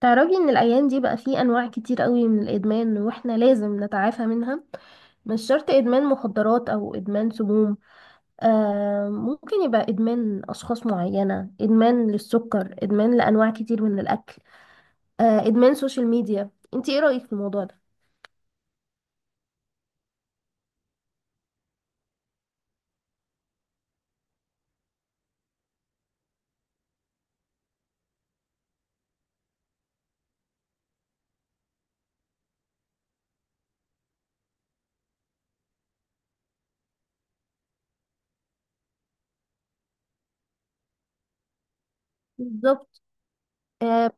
تعرفي ان الايام دي بقى فيه انواع كتير قوي من الادمان واحنا لازم نتعافى منها؟ مش شرط ادمان مخدرات او ادمان سموم. آه، ممكن يبقى ادمان اشخاص معينة، ادمان للسكر، ادمان لانواع كتير من الاكل. آه، ادمان سوشيال ميديا. انتي ايه رايك في الموضوع ده؟ بالظبط. آه،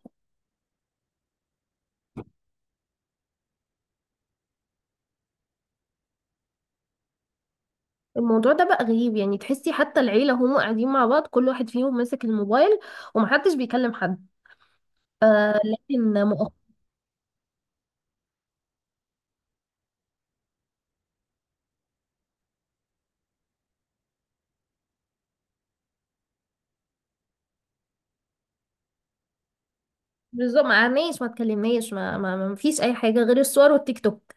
الموضوع ده بقى غريب، يعني تحسي حتى العيلة هم قاعدين مع بعض، كل واحد فيهم ماسك الموبايل ومحدش بيكلم حد. آه، لكن مؤخرا. بالظبط، ما قعدناش، ما اتكلمناش، ما فيش اي حاجه غير الصور والتيك توك.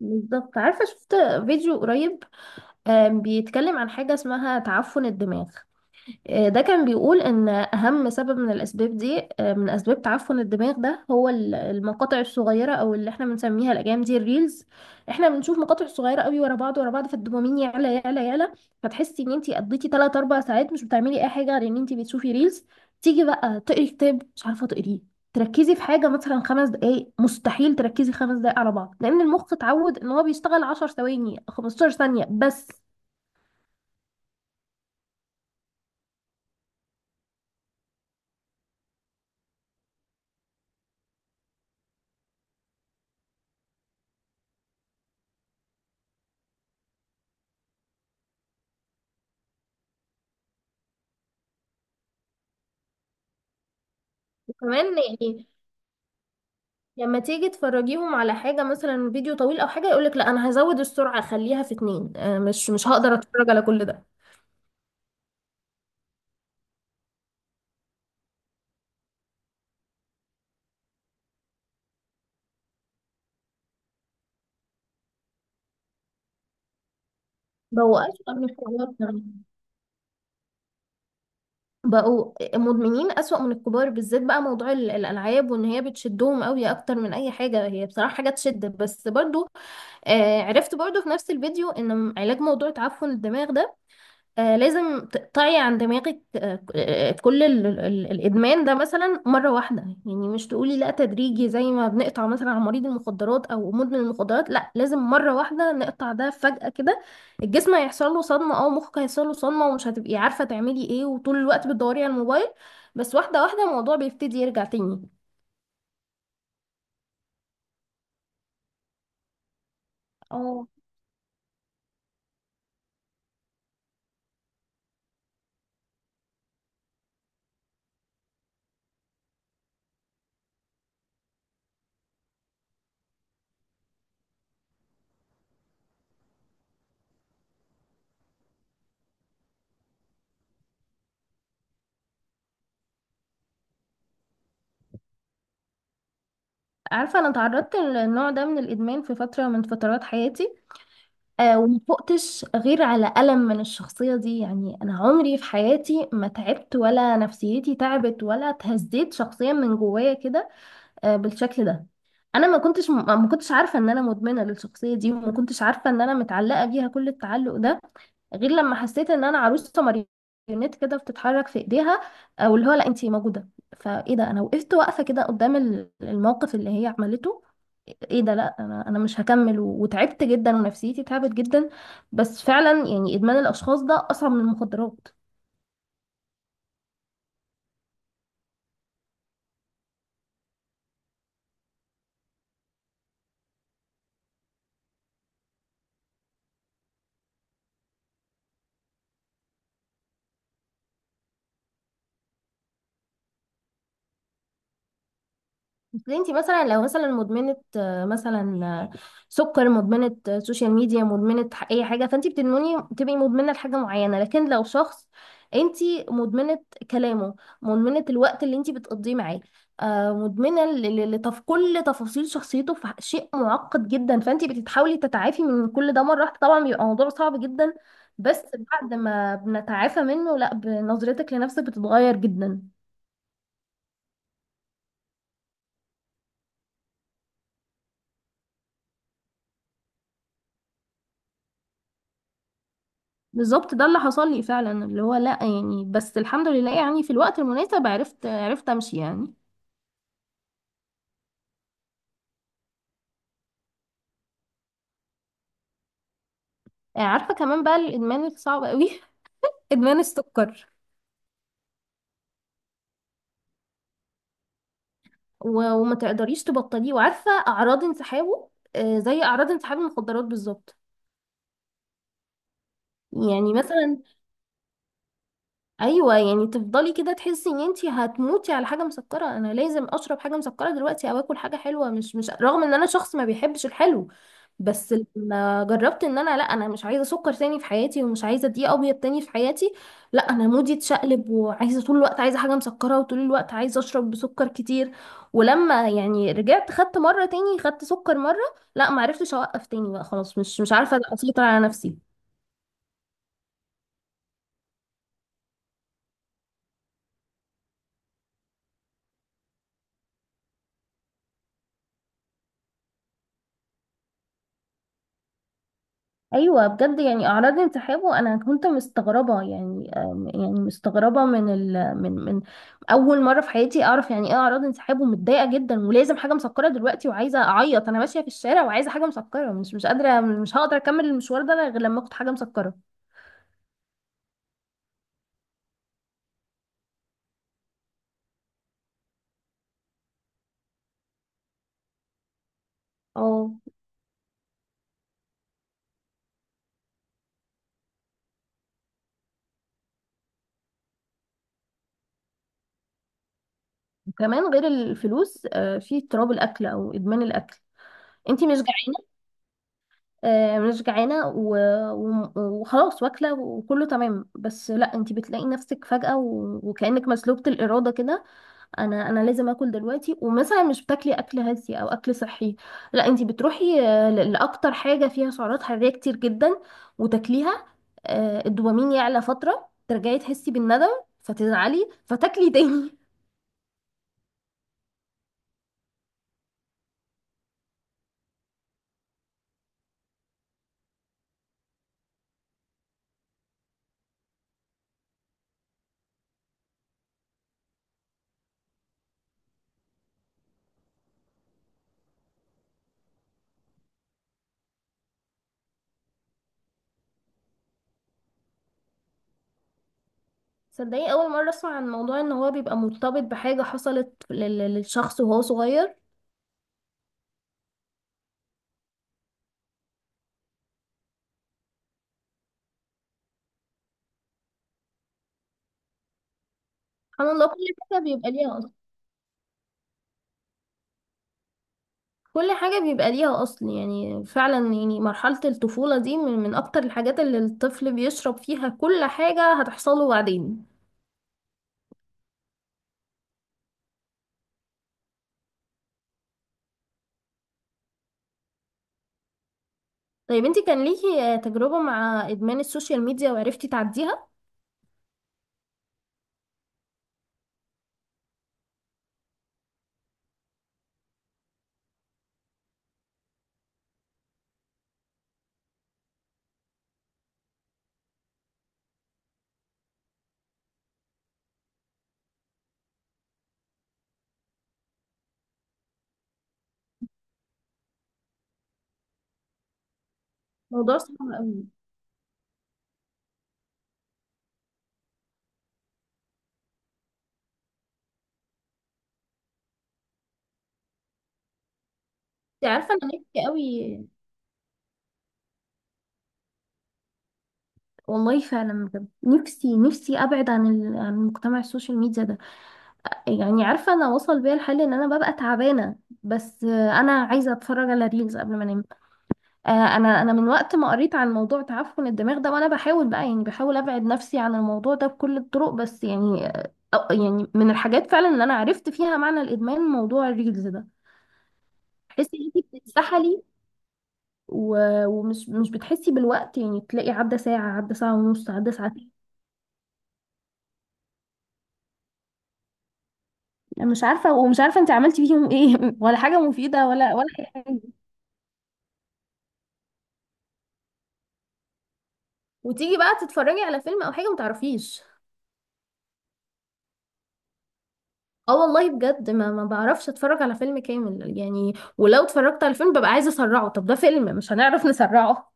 بالظبط. عارفه؟ شفت فيديو قريب بيتكلم عن حاجه اسمها تعفن الدماغ. ده كان بيقول ان اهم سبب من الاسباب دي، من اسباب تعفن الدماغ ده، هو المقاطع الصغيره او اللي احنا بنسميها الايام دي الريلز. احنا بنشوف مقاطع صغيره قوي ورا بعض ورا بعض، فالدوبامين يعلى يعلى يعلى. فتحسي ان انتي قضيتي 3 4 ساعات مش بتعملي اي حاجه غير ان انتي بتشوفي ريلز. تيجي بقى تقري كتاب مش عارفه تقريه. تركزي في حاجه مثلا 5 دقائق، مستحيل تركزي 5 دقائق على بعض لان المخ اتعود ان هو بيشتغل 10 ثواني 15 ثانيه بس. وكمان يعني لما تيجي تفرجيهم على حاجة مثلا فيديو طويل أو حاجة يقولك لا، أنا هزود السرعة أخليها في اتنين، مش هقدر أتفرج على كل ده. بقوا أسوأ من الكبار كمان. بقوا مدمنين أسوأ من الكبار، بالذات بقى موضوع الألعاب، وإن هي بتشدهم قوي أكتر من أي حاجة. هي بصراحة حاجة تشد بس برضو. عرفت برضو في نفس الفيديو إن علاج موضوع تعفن الدماغ ده، لازم تقطعي عن دماغك، كل الإدمان ده مثلا مرة واحدة. يعني مش تقولي لا تدريجي زي ما بنقطع مثلا عن مريض المخدرات أو مدمن المخدرات، لا لازم مرة واحدة نقطع ده فجأة كده. الجسم هيحصل له صدمة أو مخك هيحصل له صدمة، ومش هتبقي عارفة تعملي إيه، وطول الوقت بتدوري على الموبايل. بس واحدة واحدة الموضوع بيبتدي يرجع تاني. اه، عارفة أنا تعرضت للنوع ده من الإدمان في فترة من فترات حياتي. آه، ومفقتش غير على ألم من الشخصية دي. يعني أنا عمري في حياتي ما تعبت ولا نفسيتي تعبت ولا اتهزيت شخصيا من جوايا كده، بالشكل ده. أنا ما كنتش عارفة إن أنا مدمنة للشخصية دي، وما كنتش عارفة إن أنا متعلقة بيها كل التعلق ده، غير لما حسيت ان انا عروسه ماريونيت كده بتتحرك في ايديها، او اللي هو لا، انتي موجوده. فايه ده؟ انا وقفت واقفه كده قدام الموقف اللي هي عملته. ايه ده؟ لا، انا مش هكمل وتعبت جدا ونفسيتي تعبت جدا. بس فعلا يعني ادمان الاشخاص ده اصعب من المخدرات. اصل انت مثلا لو مثلا مدمنه، مثلا، سكر، مدمنه، سوشيال ميديا، مدمنه، اي حاجه، فانت بتدمني تبقي مدمنه لحاجه معينه. لكن لو شخص، انت مدمنه كلامه، مدمنه الوقت اللي انت بتقضيه معاه، مدمنه لتف كل تفاصيل شخصيته، في شيء معقد جدا. فانت بتتحاولي تتعافي من كل ده مره واحده، طبعا بيبقى موضوع صعب جدا. بس بعد ما بنتعافى منه، لا، بنظرتك لنفسك بتتغير جدا. بالظبط ده اللي حصل لي فعلا، اللي هو لا، يعني بس الحمد لله، يعني في الوقت المناسب عرفت امشي يعني. عارفه كمان بقى الادمان الصعب قوي ادمان السكر. وما تقدريش تبطليه، وعارفه اعراض انسحابه، زي اعراض انسحاب المخدرات بالظبط. يعني مثلا، ايوه يعني تفضلي كده تحسي ان انتي هتموتي على حاجه مسكره، انا لازم اشرب حاجه مسكره دلوقتي او اكل حاجه حلوه، مش رغم ان انا شخص ما بيحبش الحلو. بس لما جربت ان انا لا، انا مش عايزه سكر تاني في حياتي، ومش عايزه دقيق ابيض تاني في حياتي، لا، انا مودي اتشقلب وعايزه طول الوقت، عايزه حاجه مسكره وطول الوقت عايزه اشرب بسكر كتير. ولما يعني رجعت خدت مره تاني، خدت سكر مره، لا، ما عرفتش اوقف تاني بقى خلاص، مش عارفه اسيطر على نفسي. ايوه بجد، يعني اعراض انسحاب، وانا كنت مستغربه يعني، يعني مستغربه من ال من من، اول مره في حياتي اعرف يعني ايه اعراض انسحاب، ومتضايقه جدا ولازم حاجه مسكره دلوقتي، وعايزه اعيط، انا ماشيه في الشارع وعايزه حاجه مسكره، مش قادره، مش هقدر اكمل المشوار ده غير لما اخد حاجه مسكره. اه، وكمان غير الفلوس، في اضطراب الاكل او ادمان الاكل. انت مش جعانه، مش جعانة وخلاص واكلة وكله تمام، بس لا، انتي بتلاقي نفسك فجأة وكأنك مسلوبة الإرادة كده. انا لازم اكل دلوقتي، ومثلا مش بتاكلي اكل هزي او اكل صحي، لا، انتي بتروحي لأكتر حاجة فيها سعرات حرارية كتير جدا وتاكليها. الدوبامين يعلى فترة ترجعي تحسي بالندم، فتزعلي فتاكلي تاني صدقني اول مرة اسمع عن موضوع ان هو بيبقى مرتبط بحاجة حصلت للشخص وهو صغير. سبحان الله، كل حاجة بيبقى ليها، كل حاجة بيبقى ليها أصل. يعني فعلا، يعني مرحلة الطفولة دي من أكتر الحاجات اللي الطفل بيشرب فيها كل حاجة هتحصله بعدين. طيب انتي كان ليكي، تجربة مع إدمان السوشيال ميديا وعرفتي تعديها؟ موضوع صعب أوي. انتي عارفة أنا نفسي أوي، والله فعلا بجد نفسي نفسي أبعد عن عن مجتمع السوشيال ميديا ده. يعني عارفة، أنا وصل بيا الحال إن أنا ببقى تعبانة بس، أنا عايزة أتفرج على ريلز قبل ما أنام. انا من وقت ما قريت عن موضوع تعفن الدماغ ده، وانا بحاول بقى يعني بحاول ابعد نفسي عن الموضوع ده بكل الطرق، بس يعني، يعني من الحاجات فعلا اللي انا عرفت فيها معنى الادمان موضوع الريلز ده. تحسي ان انت بتتسحلي، ومش مش بتحسي بالوقت، يعني تلاقي عدى ساعة، عدى ساعة ونص، عدى ساعتين. مش عارفة، ومش عارفة انت عملتي فيهم ايه ولا حاجة مفيدة ولا أي حاجة. وتيجي بقى تتفرجي على فيلم او حاجة متعرفيش. اه والله بجد، ما بعرفش اتفرج على فيلم كامل يعني. ولو اتفرجت على فيلم ببقى عايزه اسرعه، طب ده فيلم مش هنعرف نسرعه.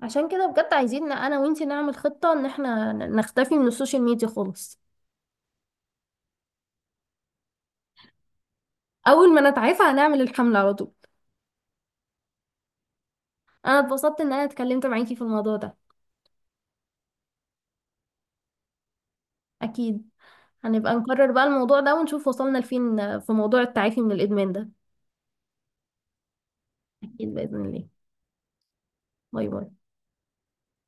عشان كده بجد عايزين إن انا وانتي نعمل خطه ان احنا نختفي من السوشيال ميديا خالص. اول ما نتعافى هنعمل الحمله على طول. انا اتبسطت ان انا اتكلمت معاكي في الموضوع ده. اكيد، هنبقى نكرر بقى الموضوع ده ونشوف وصلنا لفين في موضوع التعافي من الادمان ده. اكيد باذن الله. باي باي.